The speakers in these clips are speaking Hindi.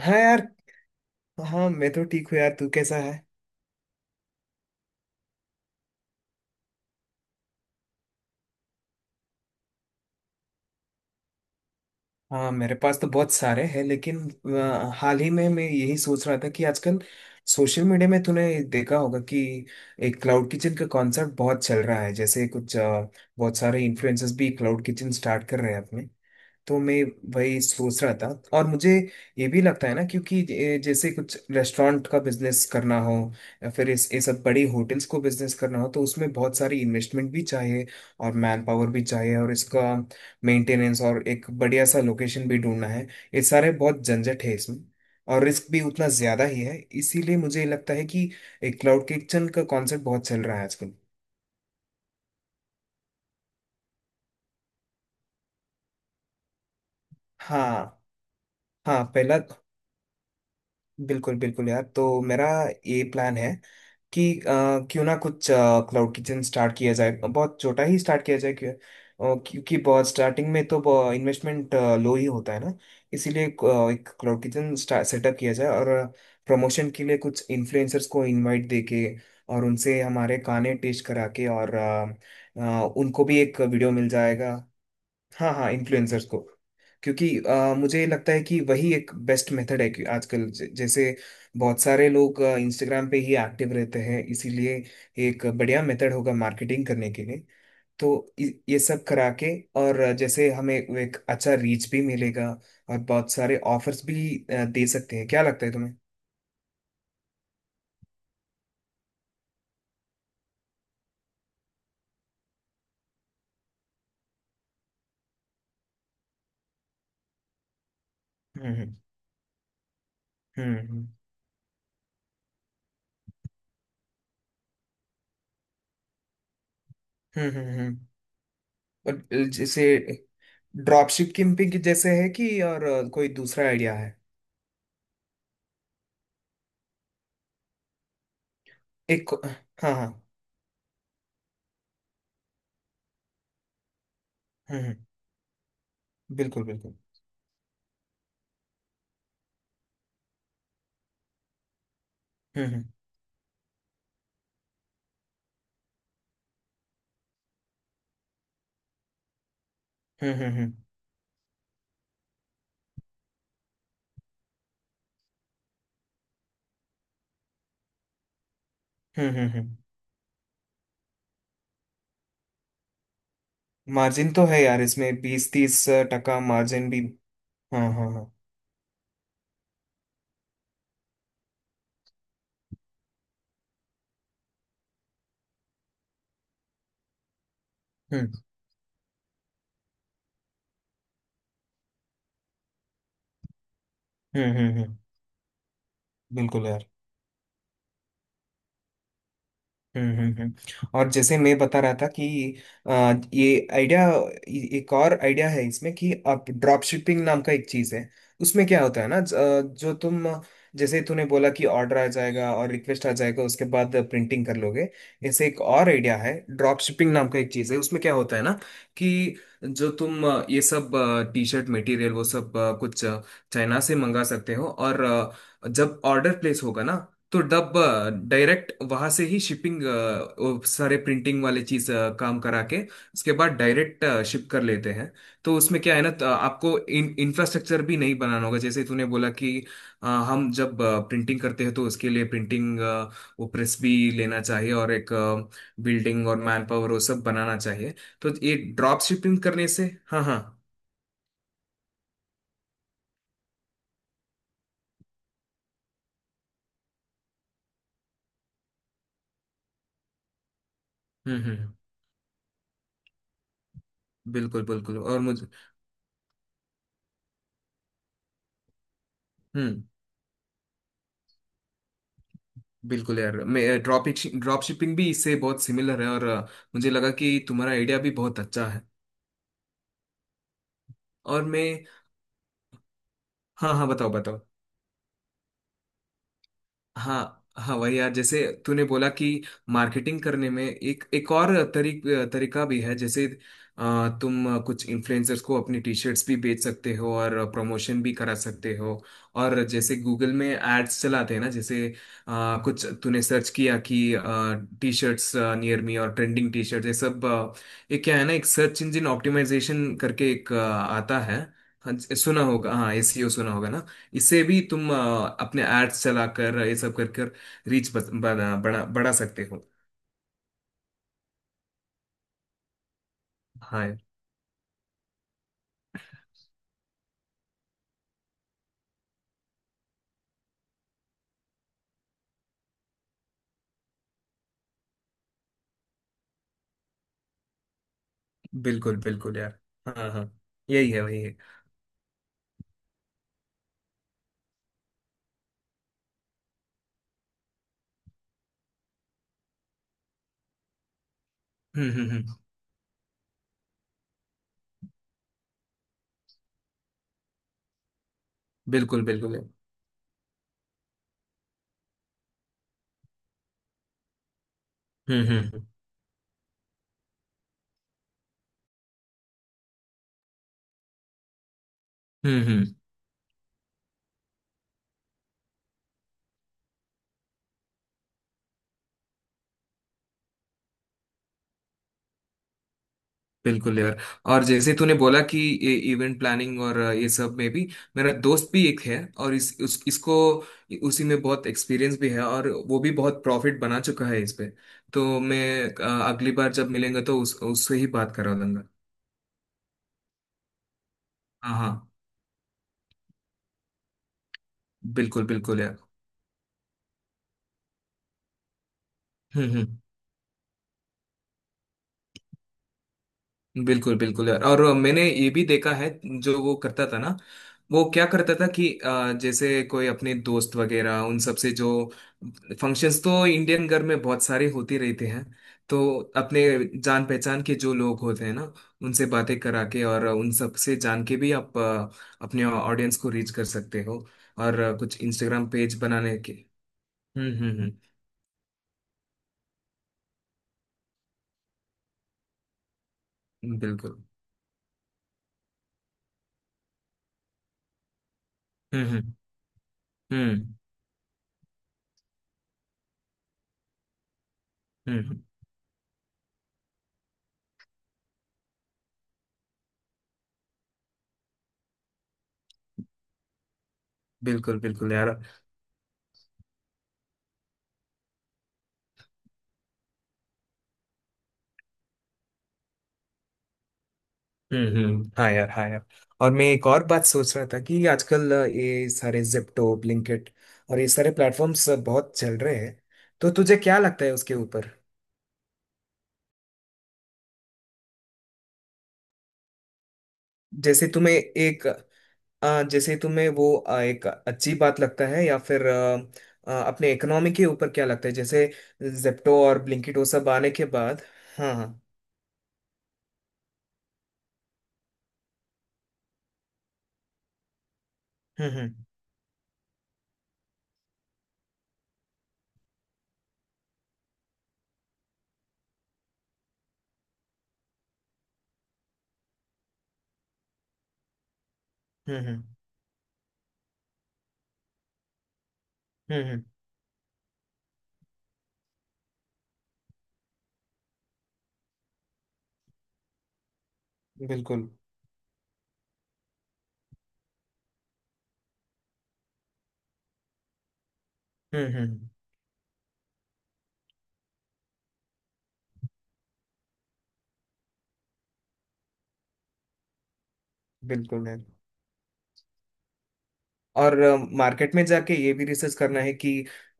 हाँ यार। हाँ, मैं तो ठीक हूँ यार। तू कैसा है? हाँ, मेरे पास तो बहुत सारे हैं, लेकिन हाल ही में मैं यही सोच रहा था कि आजकल सोशल मीडिया में तूने देखा होगा कि एक क्लाउड किचन का कॉन्सेप्ट बहुत चल रहा है। जैसे कुछ बहुत सारे इन्फ्लुएंसर्स भी क्लाउड किचन स्टार्ट कर रहे हैं अपने। तो मैं वही सोच रहा था। और मुझे ये भी लगता है ना, क्योंकि जैसे कुछ रेस्टोरेंट का बिजनेस करना हो, या फिर इस ये सब बड़ी होटल्स को बिजनेस करना हो, तो उसमें बहुत सारी इन्वेस्टमेंट भी चाहिए, और मैन पावर भी चाहिए, और इसका मेंटेनेंस, और एक बढ़िया सा लोकेशन भी ढूंढना है। ये सारे बहुत झंझट है इसमें, और रिस्क भी उतना ज्यादा ही है। इसीलिए मुझे लगता है कि एक क्लाउड किचन का कॉन्सेप्ट बहुत चल रहा है आजकल। हाँ हाँ। पहला, बिल्कुल बिल्कुल यार। तो मेरा ये प्लान है कि क्यों ना कुछ क्लाउड किचन स्टार्ट किया जाए, बहुत छोटा ही स्टार्ट किया जाए। क्योंकि बहुत स्टार्टिंग में तो इन्वेस्टमेंट लो ही होता है ना। इसीलिए एक क्लाउड किचन सेटअप किया जाए, और प्रमोशन के लिए कुछ इन्फ्लुएंसर्स को इनवाइट देके और उनसे हमारे गाने टेस्ट करा के, और उनको भी एक वीडियो मिल जाएगा। हाँ हाँ, इन्फ्लुएंसर्स को। क्योंकि मुझे लगता है कि वही एक बेस्ट मेथड है, कि आजकल जैसे बहुत सारे लोग इंस्टाग्राम पे ही एक्टिव रहते हैं, इसीलिए एक बढ़िया मेथड होगा मार्केटिंग करने के लिए। तो ये सब करा के, और जैसे हमें एक अच्छा रीच भी मिलेगा, और बहुत सारे ऑफर्स भी दे सकते हैं। क्या लगता है तुम्हें? हम्म। हम्म। हम्म। हम्म। और जैसे ड्रॉप शिपिंग जैसे है, कि और कोई दूसरा आइडिया है? एक, हाँ हाँ। हम्म हम्म, बिल्कुल बिल्कुल। हम्म। हम्म। हम्म। हम्म। हम्म। हम्म। हम्म। हम्म। मार्जिन तो है यार इसमें, 20-30 टका मार्जिन भी। हाँ हाँ हाँ। हम्म। हम्म। हम्म। हम्म। बिल्कुल यार। और जैसे मैं बता रहा था कि ये आइडिया, एक और आइडिया है इसमें, कि आप, ड्रॉप शिपिंग नाम का एक चीज है, उसमें क्या होता है ना? जो तुम जैसे तूने बोला कि ऑर्डर आ जाएगा और रिक्वेस्ट आ जाएगा, उसके बाद प्रिंटिंग कर लोगे। ऐसे एक और आइडिया है, ड्रॉप शिपिंग नाम का एक चीज है, उसमें क्या होता है ना, कि जो तुम ये सब टी शर्ट मटेरियल, वो सब कुछ चाइना से मंगा सकते हो, और जब ऑर्डर प्लेस होगा ना, तो डब डायरेक्ट वहां से ही शिपिंग, सारे प्रिंटिंग वाले चीज काम करा के, उसके बाद डायरेक्ट शिप कर लेते हैं। तो उसमें क्या है ना, तो आपको इन इंफ्रास्ट्रक्चर भी नहीं बनाना होगा। जैसे तूने बोला कि हम जब प्रिंटिंग करते हैं तो उसके लिए प्रिंटिंग, वो प्रेस भी लेना चाहिए, और एक बिल्डिंग और मैन पावर, वो सब बनाना चाहिए। तो ये ड्रॉप शिपिंग करने से। हाँ हाँ। हम्म। बिल्कुल बिल्कुल, और मुझे। हम्म। बिल्कुल यार, मैं ड्रॉप ड्रॉप शिपिंग भी इससे बहुत सिमिलर है, और मुझे लगा कि तुम्हारा आइडिया भी बहुत अच्छा है। और मैं, हाँ हाँ, बताओ बताओ। हाँ हाँ, वही यार, जैसे तूने बोला कि मार्केटिंग करने में एक एक और तरीका भी है। जैसे तुम कुछ इन्फ्लुएंसर्स को अपनी टी शर्ट्स भी बेच सकते हो, और प्रमोशन भी करा सकते हो। और जैसे गूगल में एड्स चलाते हैं ना, जैसे कुछ तूने सर्च किया कि टी शर्ट्स नियर मी और ट्रेंडिंग टी शर्ट्स, ये सब ये क्या है ना, एक सर्च इंजन ऑप्टिमाइजेशन करके एक आता है। हाँ, सुना होगा। हाँ, SEO सुना होगा ना। इससे भी तुम अपने एड्स चलाकर ये सब कर कर रीच बना बड़ा बढ़ा सकते हो। हाँ यार, बिल्कुल बिल्कुल यार। हाँ हाँ। यही है, वही है। हम्म। बिल्कुल बिल्कुल यार। हम्म। हम्म, हम्म। बिल्कुल यार, और जैसे तूने बोला कि ये इवेंट प्लानिंग और ये सब में भी, मेरा दोस्त भी एक है, और इसको उसी में बहुत एक्सपीरियंस भी है, और वो भी बहुत प्रॉफिट बना चुका है इस पे। तो मैं अगली बार जब मिलेंगे तो उस उससे ही बात करा लूंगा। हाँ हाँ, बिल्कुल बिल्कुल यार। हम्म हम्म, बिल्कुल बिल्कुल यार। और मैंने ये भी देखा है, जो वो करता था ना, वो क्या करता था कि जैसे कोई अपने दोस्त वगैरह, उन सब से, जो फंक्शंस तो इंडियन घर में बहुत सारे होते रहते हैं, तो अपने जान पहचान के जो लोग होते हैं ना, उनसे बातें करा के, और उन सब से जान के भी आप अपने ऑडियंस को रीच कर सकते हो। और कुछ इंस्टाग्राम पेज बनाने के। हम्म हम्म हम्म। बिल्कुल। हम्म हम्म हम्म। हम्म, बिल्कुल बिल्कुल यार। हाँ यार हाँ यार। और मैं एक और बात सोच रहा था कि आजकल ये सारे जिप्टो, ब्लिंकिट और ये सारे प्लेटफॉर्म्स बहुत चल रहे हैं। तो तुझे क्या लगता है उसके ऊपर? जैसे तुम्हें एक जैसे तुम्हें वो एक अच्छी बात लगता है, या फिर अपने इकोनॉमी के ऊपर क्या लगता है, जैसे जिप्टो और ब्लिंकिट वो सब आने के बाद। हाँ हाँ। हम्म हम्म हम्म। हम्म बिल्कुल। हम्म। बिल्कुल यार, और मार्केट में जाके ये भी रिसर्च करना है कि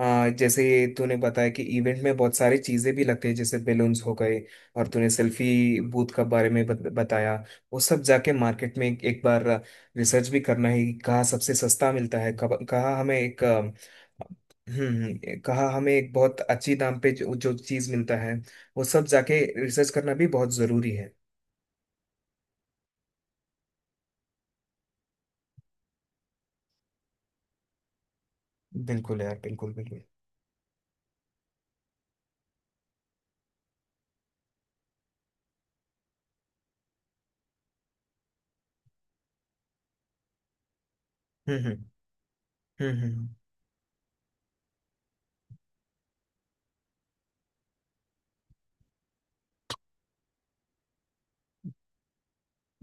जैसे तूने बताया कि इवेंट में बहुत सारी चीजें भी लगती है, जैसे बेलून्स हो गए, और तूने सेल्फी बूथ का बारे में बताया। वो सब जाके मार्केट में एक बार रिसर्च भी करना है कि कहाँ सबसे सस्ता मिलता है, कब कहाँ हमें एक कहाँ हमें एक बहुत अच्छी दाम पे जो चीज मिलता है, वो सब जाके रिसर्च करना भी बहुत जरूरी है। बिल्कुल यार, बिल्कुल बिल्कुल। हम्म हम्म हम्म। हम्म।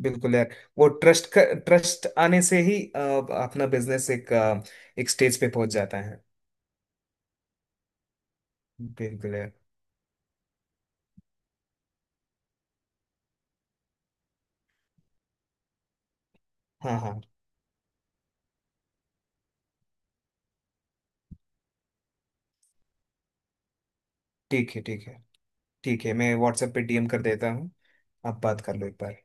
बिल्कुल यार, वो ट्रस्ट का, ट्रस्ट आने से ही अपना बिजनेस एक स्टेज पे पहुंच जाता है। बिल्कुल यार। हाँ हाँ। ठीक है ठीक है। ठीक है, मैं व्हाट्सएप पे DM कर देता हूँ। आप बात कर लो एक बार।